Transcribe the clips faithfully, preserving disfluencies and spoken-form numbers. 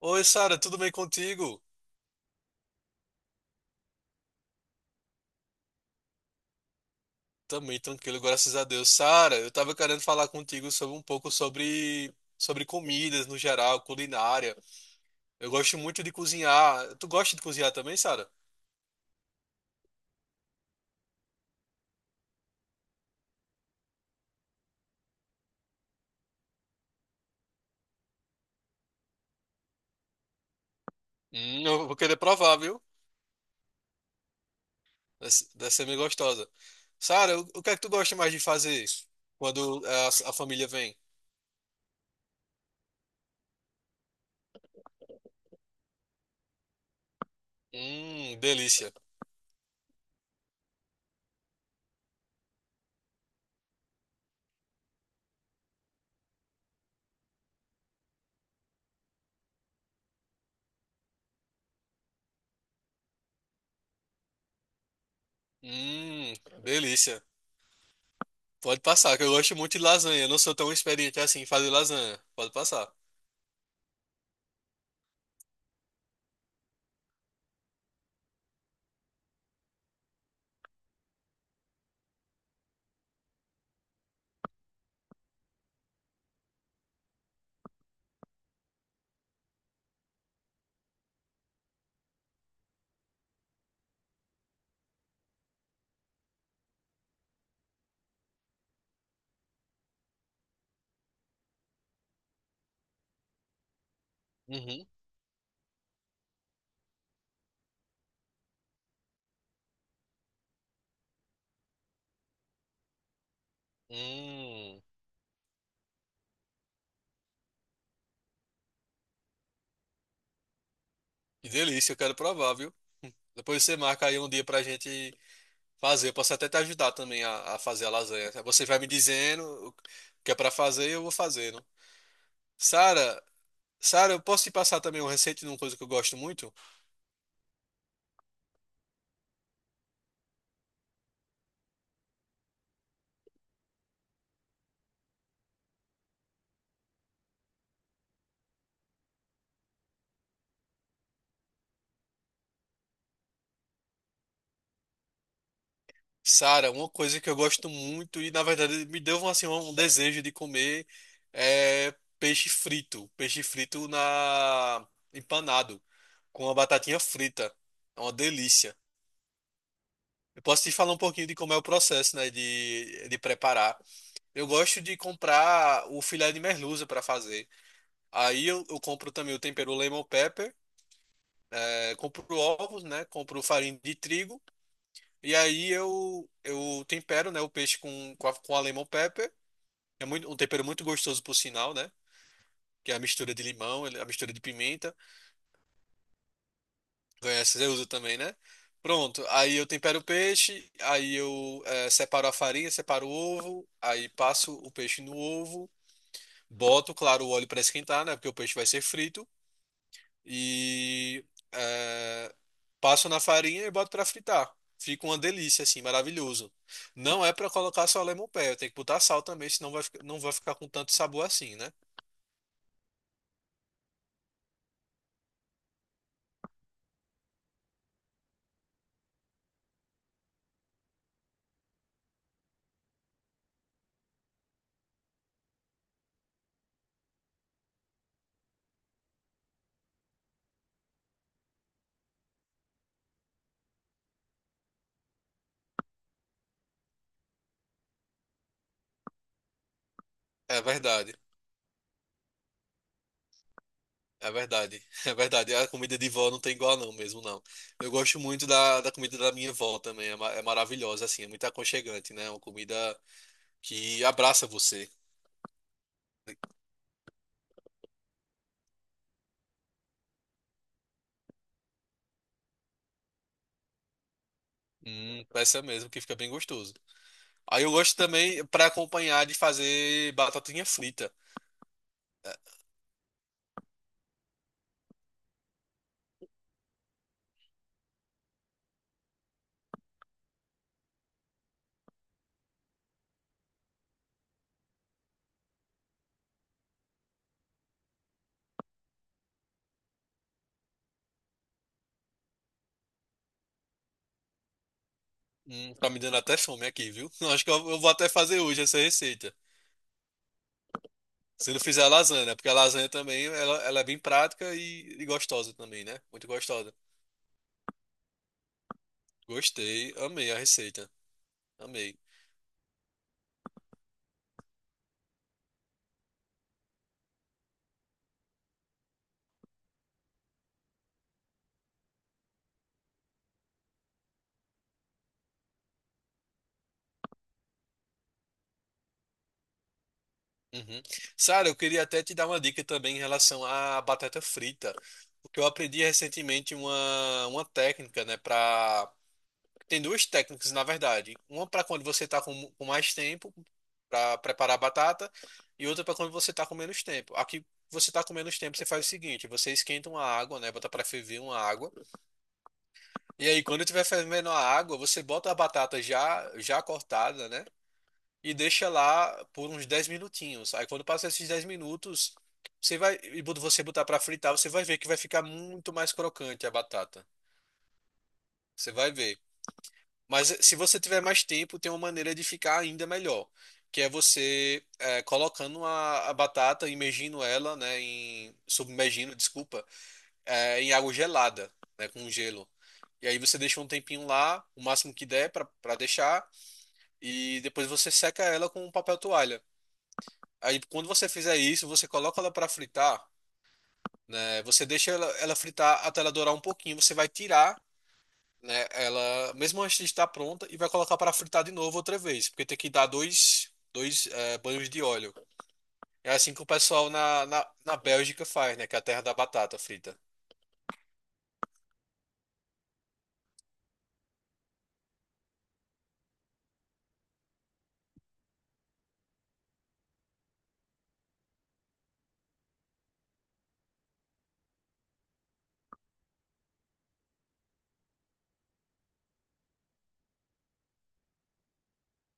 Oi, Sara, tudo bem contigo? Também tranquilo, graças a Deus. Sara, eu tava querendo falar contigo sobre um pouco sobre sobre comidas no geral, culinária. Eu gosto muito de cozinhar. Tu gosta de cozinhar também, Sara? Hum, eu vou querer provar, viu? Deve deve ser meio gostosa. Sara, o, o que é que tu gosta mais de fazer quando a, a família vem? Hum, delícia. Hum, delícia. Pode passar, que eu gosto muito de lasanha. Eu não sou tão experiente assim em fazer lasanha. Pode passar. Uhum. Hum. Que delícia, eu quero provar, viu? Depois você marca aí um dia pra gente fazer. Eu posso até te ajudar também a, a fazer a lasanha. Você vai me dizendo o que é pra fazer e eu vou fazendo. Sara, Sara, eu posso te passar também uma receita de uma coisa que eu gosto muito? Sara, uma coisa que eu gosto muito e na verdade me deu assim, um um desejo de comer é peixe frito. Peixe frito na empanado com a batatinha frita. É uma delícia. Eu posso te falar um pouquinho de como é o processo, né, de, de preparar. Eu gosto de comprar o filé de merluza para fazer. Aí eu, eu compro também o tempero lemon pepper, é, compro ovos, né? Compro farinha de trigo. E aí eu, eu tempero, né, o peixe com, com a, com a lemon pepper. É muito, um tempero muito gostoso, por sinal, né? Que é a mistura de limão, ele- a mistura de pimenta. Conhece, eu uso também, né? Pronto, aí eu tempero o peixe, aí eu é, separo a farinha, separo o ovo, aí passo o peixe no ovo, boto, claro, o óleo para esquentar, né? Porque o peixe vai ser frito. e é, Passo na farinha e boto pra fritar. Fica uma delícia, assim, maravilhoso. Não é pra colocar só lemon pepper, tem que botar sal também, senão vai, ficar- não vai ficar com tanto sabor assim, né? É verdade, é verdade, é verdade. A comida de vó não tem igual não, mesmo não. Eu gosto muito da, da comida da minha vó também, é, ma- é maravilhosa, assim, é muito aconchegante, né? É uma comida que abraça você. Hum, essa mesmo, que fica bem gostoso. Aí eu gosto também, pra acompanhar, de fazer batatinha frita. É, Hum, tá me dando até fome aqui, viu? Eu acho que eu, eu vou até fazer hoje essa receita. Se não fizer a lasanha, né? Porque a lasanha também ela, ela é bem prática e, e gostosa também, né? Muito gostosa. Gostei, amei a receita. Amei. Uhum. Sara, eu queria até te dar uma dica também em relação à batata frita. Porque eu aprendi recentemente uma, uma técnica, né, para tem duas técnicas, na verdade. Uma para quando você tá com, com mais tempo para preparar a batata e outra para quando você tá com menos tempo. Aqui você tá com menos tempo, você faz o seguinte, você esquenta uma água, né, bota para ferver uma água. E aí quando tiver fervendo a água, você bota a batata já já cortada, né? E deixa lá por uns dez minutinhos. Aí quando passa esses dez minutos, você vai e quando você botar para fritar, você vai ver que vai ficar muito mais crocante a batata. Você vai ver. Mas eh, se você tiver mais tempo, tem uma maneira de ficar ainda melhor, que é você é, colocando a, a batata, imergindo ela, né, em, submergindo, desculpa, é, em água gelada, né, com gelo. E aí você deixa um tempinho lá, o máximo que der para deixar, e depois você seca ela com um papel toalha. Aí quando você fizer isso, você coloca ela para fritar, né, você deixa ela, ela fritar até ela dourar um pouquinho, você vai tirar né? Ela, mesmo antes de estar pronta, e vai colocar para fritar de novo outra vez, porque tem que dar dois, dois eh, banhos de óleo. É assim que o pessoal na, na, na Bélgica faz, né? Que é a terra da batata frita.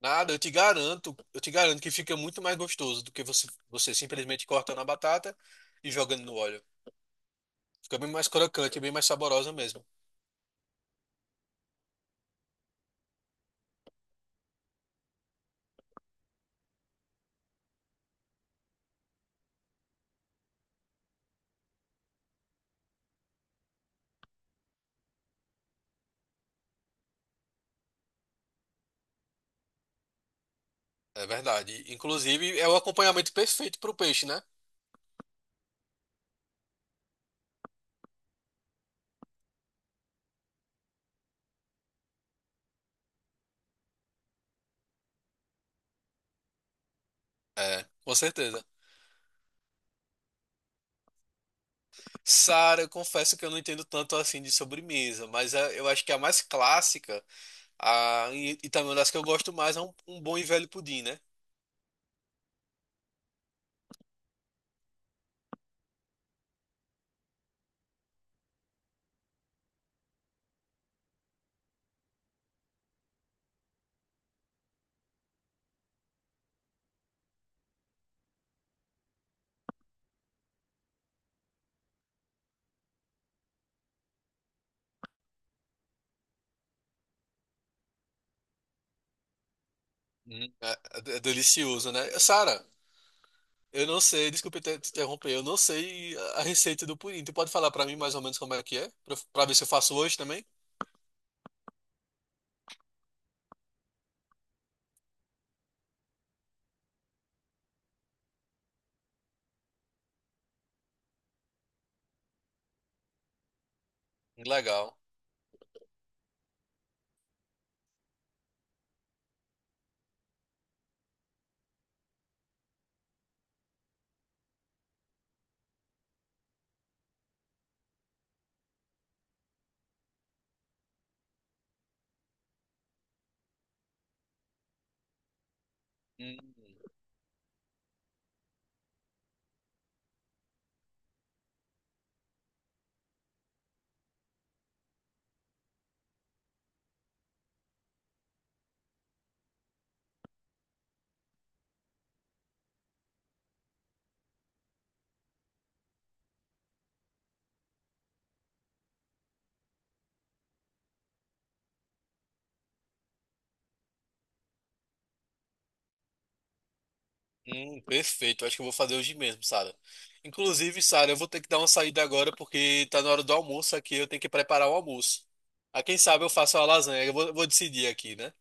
Nada, eu te garanto, eu te garanto que fica muito mais gostoso do que você, você simplesmente cortando a batata e jogando no óleo. Fica bem mais crocante, bem mais saborosa mesmo. É verdade. Inclusive, é o acompanhamento perfeito para o peixe, né? É, com certeza. Sara, eu confesso que eu não entendo tanto assim de sobremesa, mas é- eu acho que a mais clássica, a, e, e também uma das que eu gosto mais, é um, um bom e velho pudim, né? Hum. É, é delicioso, né? Sara, eu não sei, desculpe te te interromper, eu não sei a a receita do pudim. Tu pode falar para mim mais ou menos como é que é? Para ver se eu faço hoje também? Legal. Hum. Hum, perfeito. Acho que eu vou fazer hoje mesmo, Sara. Inclusive, Sara, eu vou ter que dar uma saída agora porque tá na hora do almoço aqui. Eu tenho que preparar o almoço. Ah, quem sabe eu faço a lasanha. Eu vou, vou decidir aqui, né?